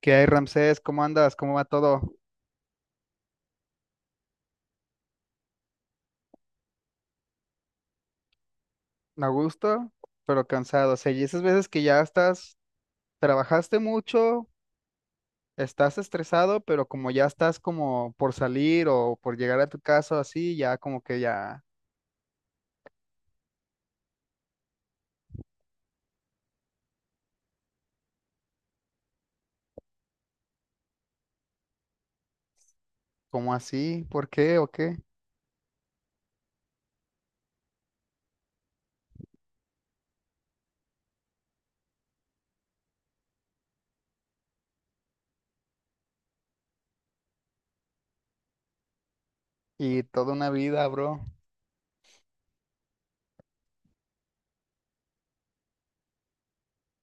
¿Qué hay, Ramsés? ¿Cómo andas? ¿Cómo va todo? A gusto, pero cansado. O sea, y esas veces que ya estás, trabajaste mucho, estás estresado, pero como ya estás como por salir o por llegar a tu casa o así, ya como que ya, como así? ¿Por qué o qué? Y toda una vida, bro.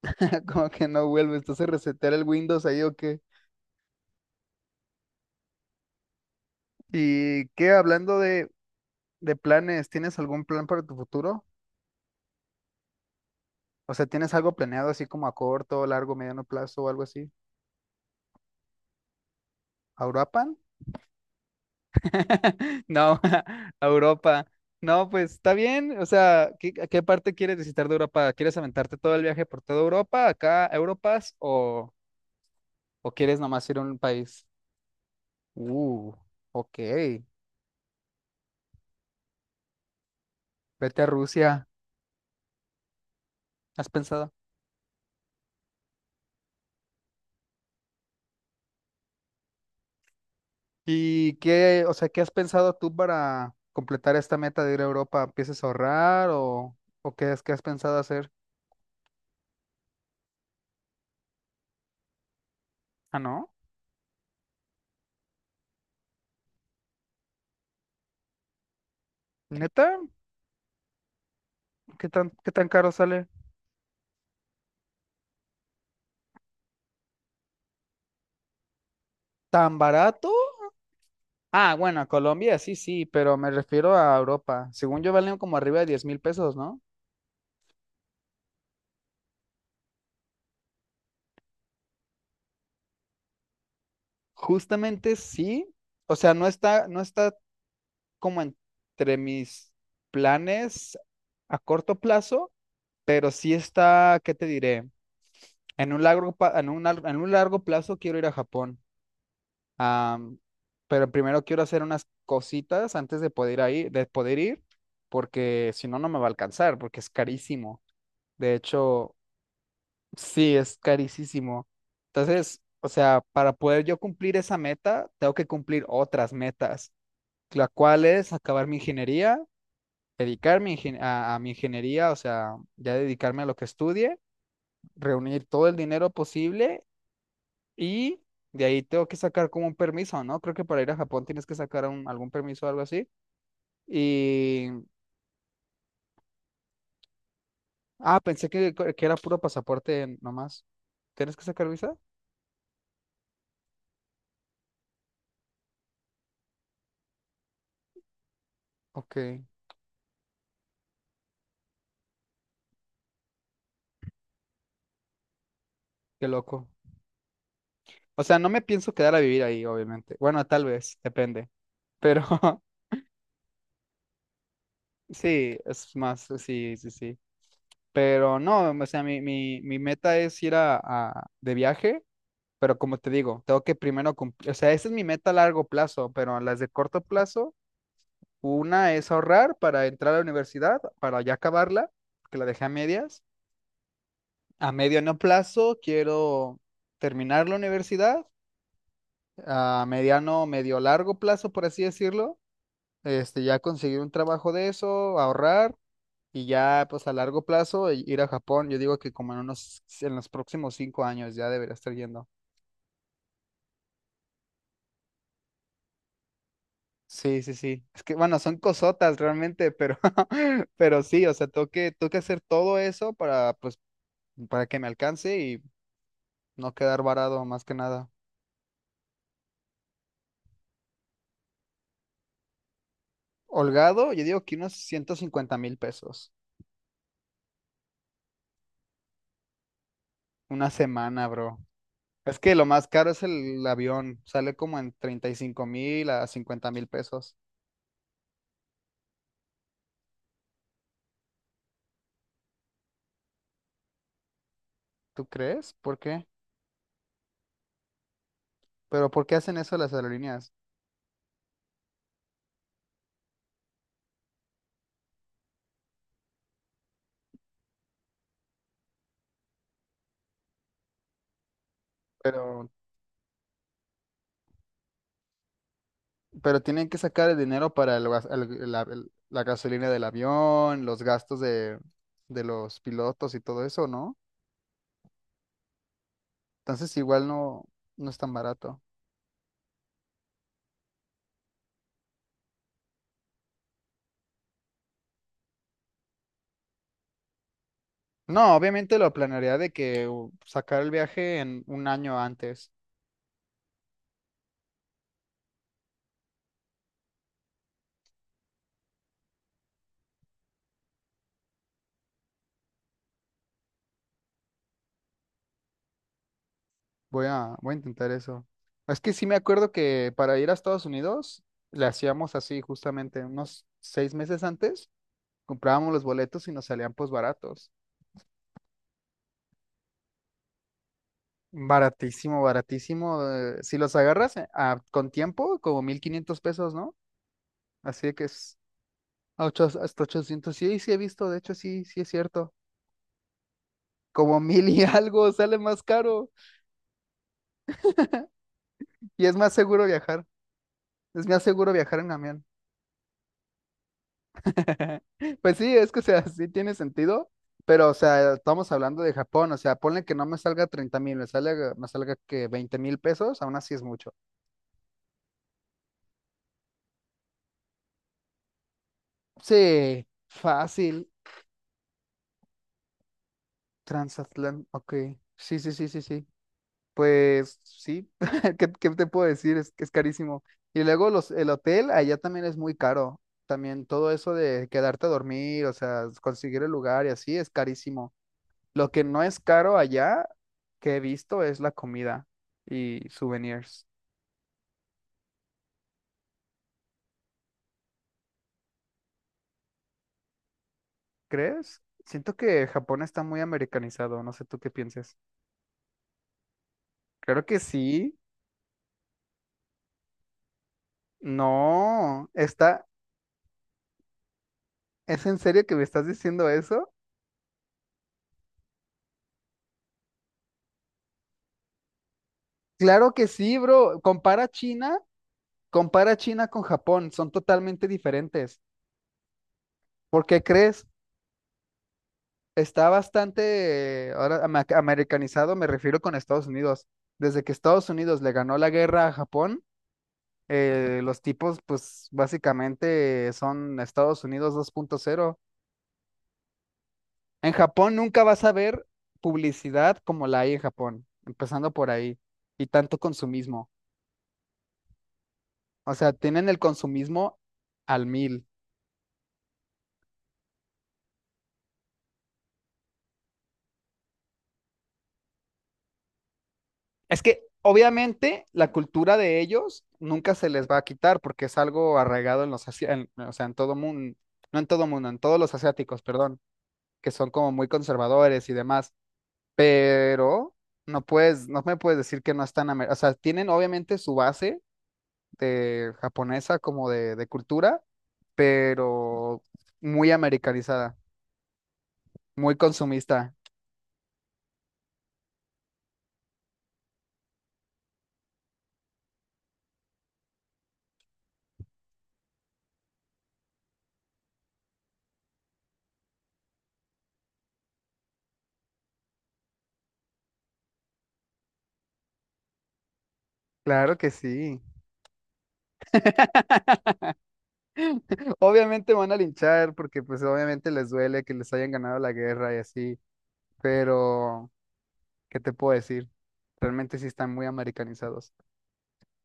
Como que no vuelves, entonces resetear el Windows ahí o qué. ¿Y qué? Hablando de planes, ¿tienes algún plan para tu futuro? O sea, ¿tienes algo planeado así como a corto, largo, mediano plazo o algo así? ¿Auropan? No, a Europa. No, pues está bien. O sea, ¿qué, a qué parte quieres visitar de Europa? ¿Quieres aventarte todo el viaje por toda Europa, acá, a Europas, o quieres nomás ir a un país? Uh, ok. Vete a Rusia. ¿Has pensado? ¿Y qué, o sea, qué has pensado tú para completar esta meta de ir a Europa? ¿Empiezas a ahorrar o qué es que has pensado hacer? Ah, ¿no? ¿Neta? Qué tan caro sale? ¿Tan barato? Ah, bueno, Colombia sí, sí, pero me refiero a Europa. Según yo valen como arriba de 10,000 pesos, ¿no? Justamente sí. O sea, no está, como entre mis planes a corto plazo, pero sí está, ¿qué te diré? En un largo, en un, en un largo plazo quiero ir a Japón. Ah, pero primero quiero hacer unas cositas antes de poder ir ahí, de poder ir, porque si no, no me va a alcanzar, porque es carísimo. De hecho, sí, es carísimo. Entonces, o sea, para poder yo cumplir esa meta, tengo que cumplir otras metas, la cual es acabar mi ingeniería, dedicarme a mi ingeniería, o sea, ya dedicarme a lo que estudie, reunir todo el dinero posible y de ahí tengo que sacar como un permiso, ¿no? Creo que para ir a Japón tienes que sacar algún permiso o algo así. Y, ah, pensé que era puro pasaporte nomás. ¿Tienes que sacar visa? Ok, qué loco. O sea, no me pienso quedar a vivir ahí, obviamente. Bueno, tal vez, depende. Pero sí, es más, sí, sí, sí. Pero no, o sea, mi meta es ir de viaje, pero como te digo, tengo que primero cumplir, o sea, esa es mi meta a largo plazo, pero las de corto plazo, una es ahorrar para entrar a la universidad, para ya acabarla, que la dejé a medias. A mediano plazo quiero terminar la universidad, a mediano, medio largo plazo, por así decirlo ya conseguir un trabajo de eso, ahorrar y ya pues a largo plazo ir a Japón. Yo digo que como en unos, en los próximos 5 años ya debería estar yendo. Sí, sí, sí. Es que bueno, son cosotas realmente, pero, pero sí, o sea, tengo que hacer todo eso para, pues, para que me alcance y no quedar varado más que nada. Holgado, yo digo que unos 150,000 pesos. Una semana, bro. Es que lo más caro es el avión. Sale como en 35,000 a 50,000 pesos. ¿Tú crees? ¿Por qué? ¿Pero por qué hacen eso las aerolíneas? Pero, pero tienen que sacar el dinero para el gas- el- la gasolina del avión, los gastos de los pilotos y todo eso, ¿no? Entonces igual no, no es tan barato. No, obviamente lo planearía de que sacar el viaje en un año antes. Voy a intentar eso. Es que sí me acuerdo que para ir a Estados Unidos le hacíamos así justamente unos 6 meses antes, comprábamos los boletos y nos salían pues baratos. Baratísimo, baratísimo. Si los agarras con tiempo, como 1,500 pesos, ¿no? Así de que es a hasta 800. Sí, sí he visto, de hecho, sí, sí es cierto. Como mil y algo sale más caro y es más seguro viajar. Es más seguro viajar en camión. Pues sí, es que, o sea, sí tiene sentido, pero, o sea, estamos hablando de Japón, o sea, ponle que no me salga 30,000, me salga que 20,000 pesos, aún así es mucho. Sí, fácil, transatlántico, ok, sí, sí, sí, sí, sí. Pues sí, ¿qué, qué te puedo decir? Es que es carísimo. Y luego los, el hotel allá también es muy caro. También todo eso de quedarte a dormir, o sea, conseguir el lugar y así es carísimo. Lo que no es caro allá que he visto es la comida y souvenirs. ¿Crees? Siento que Japón está muy americanizado, no sé tú qué pienses. Claro que sí. No, está, ¿es en serio que me estás diciendo eso? Claro que sí, bro. Compara China. Compara China con Japón, son totalmente diferentes. ¿Por qué crees? Está bastante ahora americanizado, me refiero con Estados Unidos. Desde que Estados Unidos le ganó la guerra a Japón, los tipos, pues básicamente son Estados Unidos 2.0. En Japón nunca vas a ver publicidad como la hay en Japón, empezando por ahí, y tanto consumismo. O sea, tienen el consumismo al mil. Es que obviamente la cultura de ellos nunca se les va a quitar porque es algo arraigado en los o sea, en todo mundo, no en todo mundo, en todos los asiáticos, perdón, que son como muy conservadores y demás, pero no puedes, no me puedes decir que no están, o sea, tienen obviamente su base de japonesa como de cultura, pero muy americanizada, muy consumista. Claro que sí. Obviamente van a linchar porque pues obviamente les duele que les hayan ganado la guerra y así, pero ¿qué te puedo decir? Realmente sí están muy americanizados.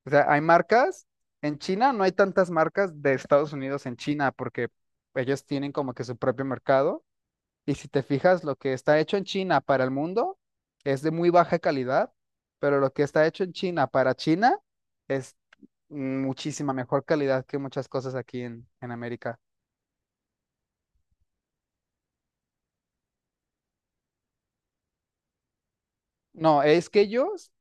O sea, hay marcas en China, no hay tantas marcas de Estados Unidos en China porque ellos tienen como que su propio mercado y si te fijas, lo que está hecho en China para el mundo es de muy baja calidad, pero lo que está hecho en China para China es muchísima mejor calidad que muchas cosas aquí en América. No, es que ellos.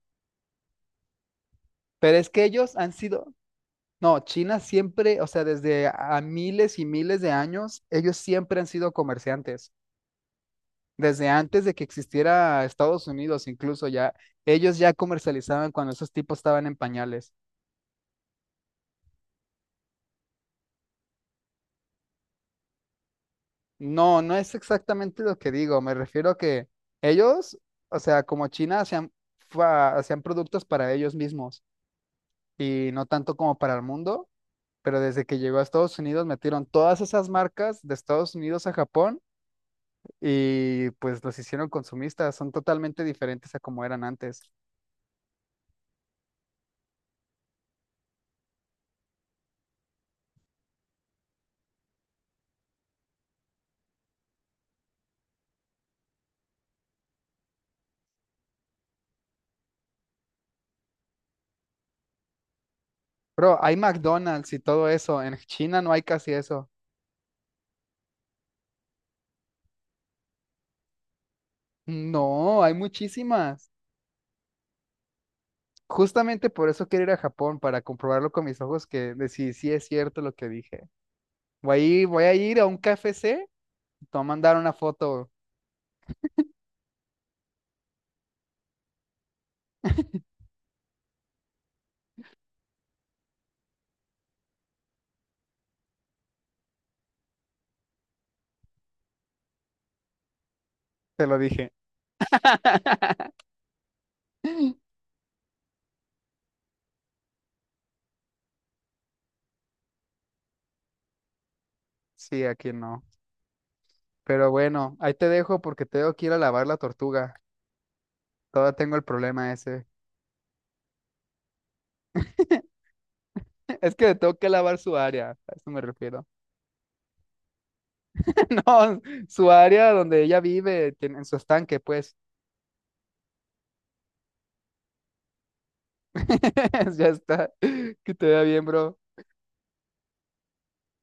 Pero es que ellos han sido, no, China siempre, o sea, desde a miles y miles de años, ellos siempre han sido comerciantes. Desde antes de que existiera Estados Unidos, incluso ya, ellos ya comercializaban cuando esos tipos estaban en pañales. No, no es exactamente lo que digo, me refiero a que ellos, o sea, como China, hacían, hacían productos para ellos mismos y no tanto como para el mundo, pero desde que llegó a Estados Unidos metieron todas esas marcas de Estados Unidos a Japón y pues los hicieron consumistas, son totalmente diferentes a como eran antes. Pero hay McDonald's y todo eso, en China no hay casi eso. No, hay muchísimas. Justamente por eso quiero ir a Japón, para comprobarlo con mis ojos que de si sí es cierto lo que dije. Voy a ir a un KFC, te voy a mandar una foto, te lo dije. Sí, aquí no. Pero bueno, ahí te dejo porque tengo que ir a lavar la tortuga. Todavía tengo el problema ese. Es que le tengo que lavar su área, a eso me refiero. No, su área donde ella vive, en su estanque, pues. Ya está. Que te vea bien, bro.